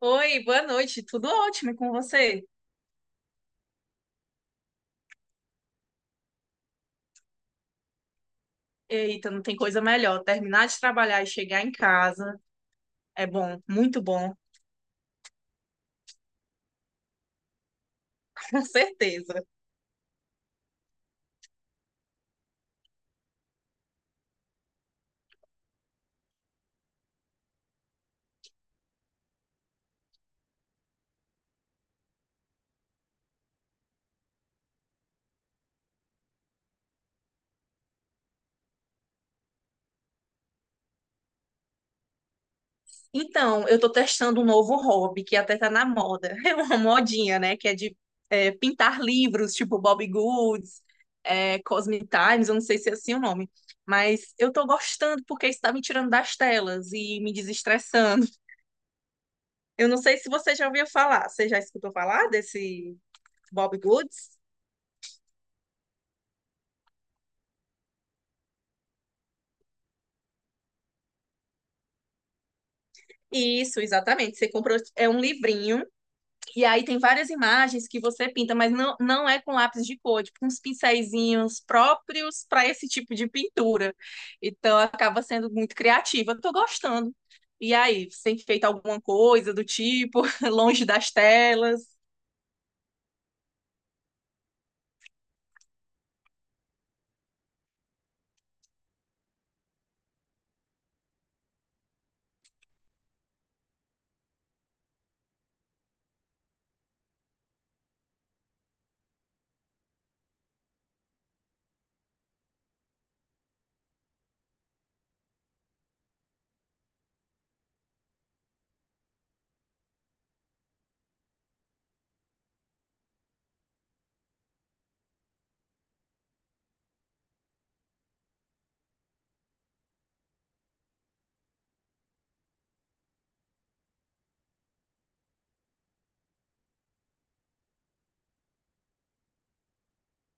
Oi, boa noite. Tudo ótimo e com você? Eita, não tem coisa melhor. Terminar de trabalhar e chegar em casa é bom, muito bom. Com certeza. Então, eu tô testando um novo hobby que até tá na moda. É uma modinha, né? Que é de pintar livros, tipo Bobbie Goods, Cosmic Times, eu não sei se é assim o nome. Mas eu tô gostando porque isso tá me tirando das telas e me desestressando. Eu não sei se você já ouviu falar. Você já escutou falar desse Bobbie Goods? Isso, exatamente. Você comprou, é um livrinho, e aí tem várias imagens que você pinta, mas não é com lápis de cor, é tipo, uns pincéizinhos próprios para esse tipo de pintura. Então, acaba sendo muito criativa. Tô gostando. E aí, você tem feito alguma coisa do tipo, longe das telas?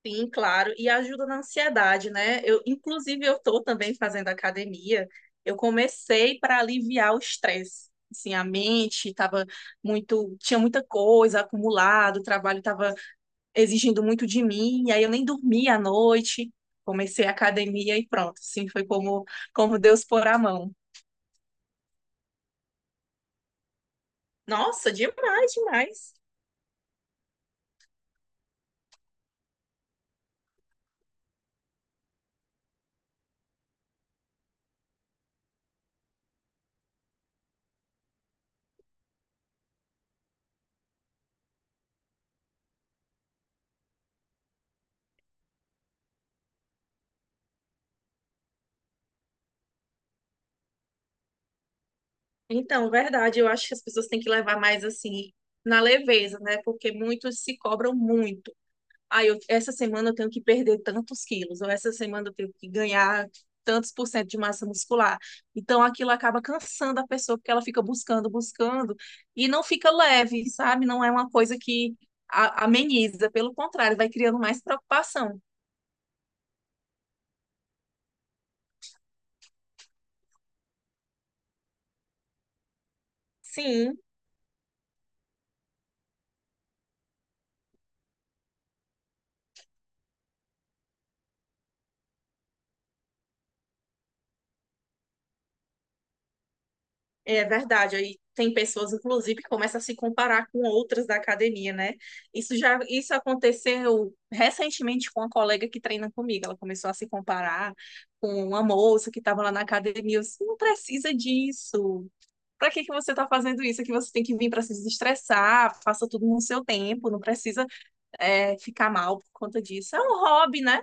Sim, claro, e ajuda na ansiedade, né? Eu, inclusive, eu estou também fazendo academia. Eu comecei para aliviar o estresse. Assim, a mente estava muito, tinha muita coisa acumulada, o trabalho estava exigindo muito de mim, e aí eu nem dormia à noite. Comecei a academia e pronto, assim, foi como, como Deus pôr a mão. Nossa, demais, demais. Então, verdade, eu acho que as pessoas têm que levar mais assim na leveza, né? Porque muitos se cobram muito. Ah, eu, essa semana eu tenho que perder tantos quilos, ou essa semana eu tenho que ganhar tantos por cento de massa muscular. Então aquilo acaba cansando a pessoa, porque ela fica buscando, buscando, e não fica leve, sabe? Não é uma coisa que ameniza, pelo contrário, vai criando mais preocupação. Sim, é verdade, aí tem pessoas, inclusive, que começam a se comparar com outras da academia, né? Isso aconteceu recentemente com uma colega que treina comigo. Ela começou a se comparar com uma moça que estava lá na academia. Eu disse, não precisa disso. Para que que você está fazendo isso? É que você tem que vir para se desestressar, faça tudo no seu tempo, não precisa ficar mal por conta disso. É um hobby, né?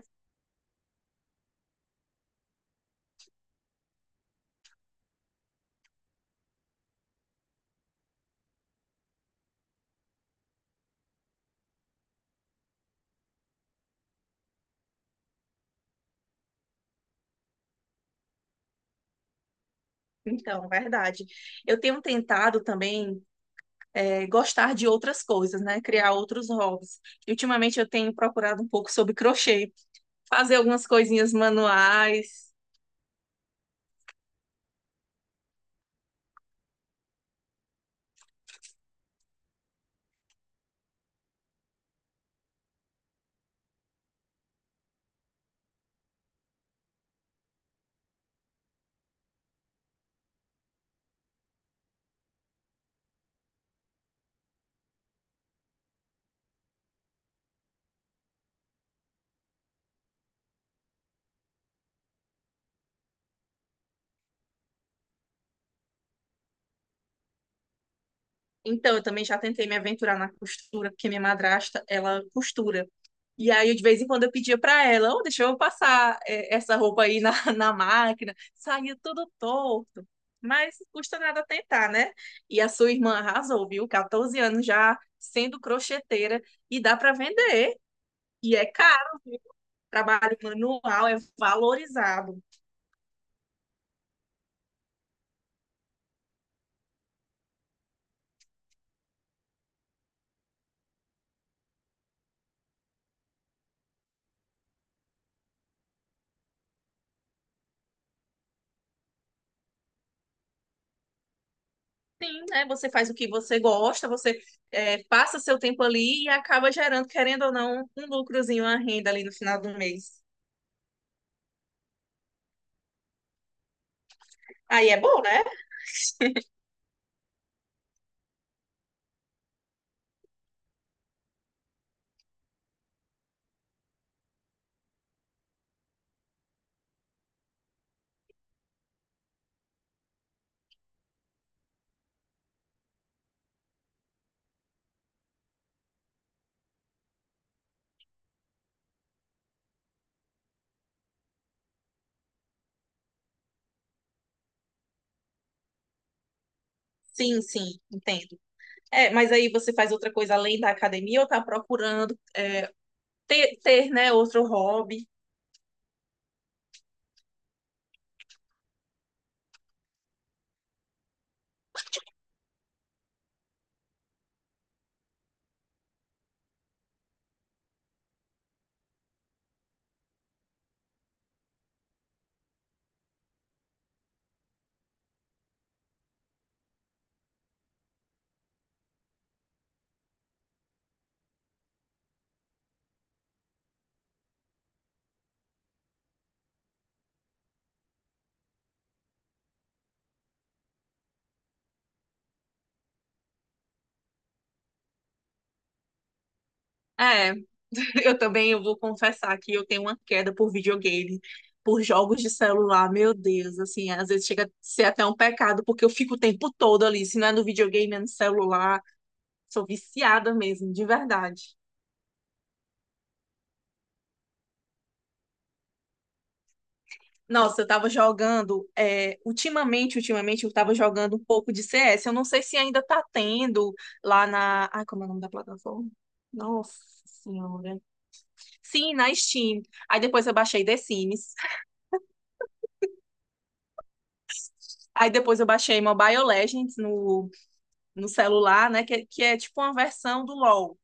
Então, verdade. Eu tenho tentado também gostar de outras coisas, né? Criar outros hobbies. E ultimamente eu tenho procurado um pouco sobre crochê, fazer algumas coisinhas manuais. Então, eu também já tentei me aventurar na costura, porque minha madrasta, ela costura. E aí, eu, de vez em quando, eu pedia para ela, oh, deixa eu passar essa roupa aí na, na máquina. Saía tudo torto. Mas custa nada tentar, né? E a sua irmã arrasou, viu? 14 anos já sendo crocheteira e dá para vender. E é caro. Trabalho manual é valorizado. Sim, né? Você faz o que você gosta, você passa seu tempo ali e acaba gerando, querendo ou não, um lucrozinho, uma renda ali no final do mês. Aí é bom, né? Sim, sim, entendo. É, mas aí você faz outra coisa além da academia ou tá procurando né, outro hobby? É, eu também eu vou confessar que eu tenho uma queda por videogame, por jogos de celular, meu Deus, assim, às vezes chega a ser até um pecado, porque eu fico o tempo todo ali, se não é no videogame, é no celular, sou viciada mesmo, de verdade. Nossa, eu tava jogando, ultimamente eu tava jogando um pouco de CS, eu não sei se ainda tá tendo lá na, ai, como é o nome da plataforma? Nossa Senhora. Sim, na Steam. Aí depois eu baixei The Sims. Aí depois eu baixei Mobile Legends no, no celular, né? Que é tipo uma versão do LoL.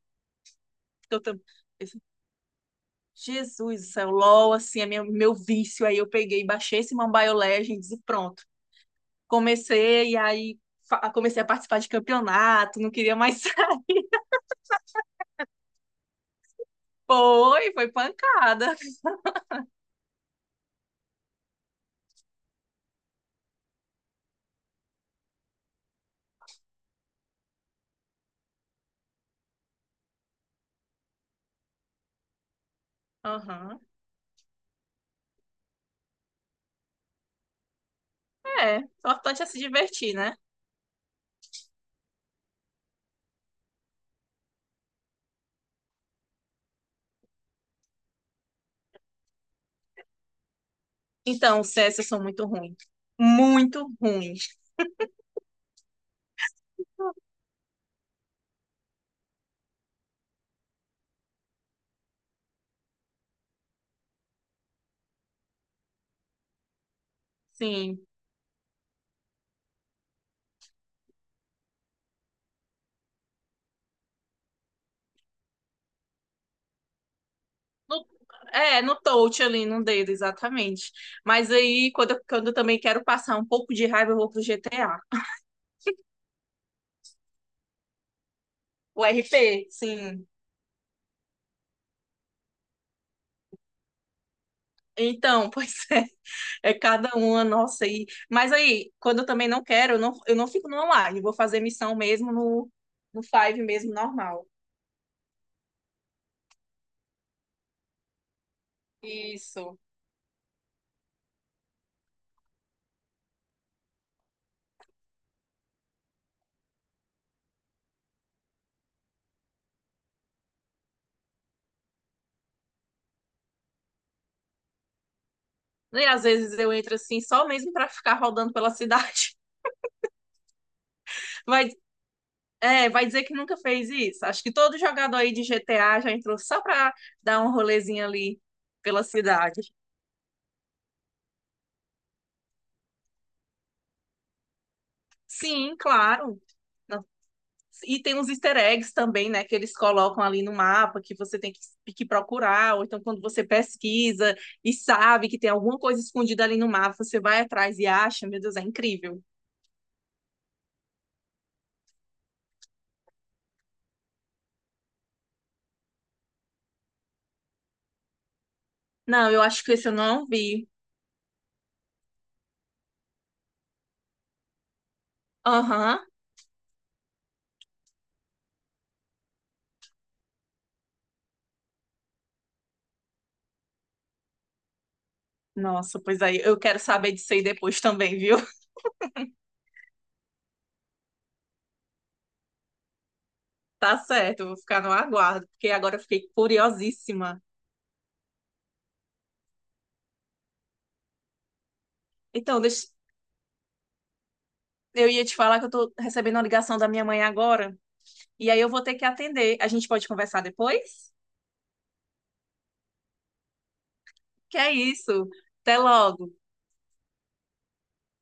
Eu tam- eu falei, Jesus, isso é o LoL, assim, é meu vício. Aí eu peguei, e baixei esse Mobile Legends e pronto. Comecei, e aí comecei a participar de campeonato, não queria mais. Foi, foi pancada. Aham. É, o importante é se divertir, né? Então, o CS eu sou muito ruim. Muito ruim. Sim. No- é, no touch ali, no dedo, exatamente. Mas aí, quando eu também quero passar um pouco de raiva, eu vou pro GTA. O RP, sim. Então, pois é, é cada uma nossa aí. Mas aí, quando eu também não quero, eu não fico no online, eu vou fazer missão mesmo no, no Five mesmo, normal. Isso. E às vezes eu entro assim, só mesmo pra ficar rodando pela cidade. Vai é, vai dizer que nunca fez isso. Acho que todo jogador aí de GTA já entrou só para dar um rolezinho ali pela cidade. Sim, claro. Não. E tem uns easter eggs também, né, que eles colocam ali no mapa que você tem que procurar, ou então quando você pesquisa e sabe que tem alguma coisa escondida ali no mapa, você vai atrás e acha, meu Deus, é incrível. Não, eu acho que esse eu não vi. Aham. Nossa, pois aí eu quero saber disso aí depois também, viu? Tá certo, eu vou ficar no aguardo, porque agora eu fiquei curiosíssima. Então, deixa- eu ia te falar que eu tô recebendo uma ligação da minha mãe agora, e aí eu vou ter que atender. A gente pode conversar depois? Que é isso. Até logo.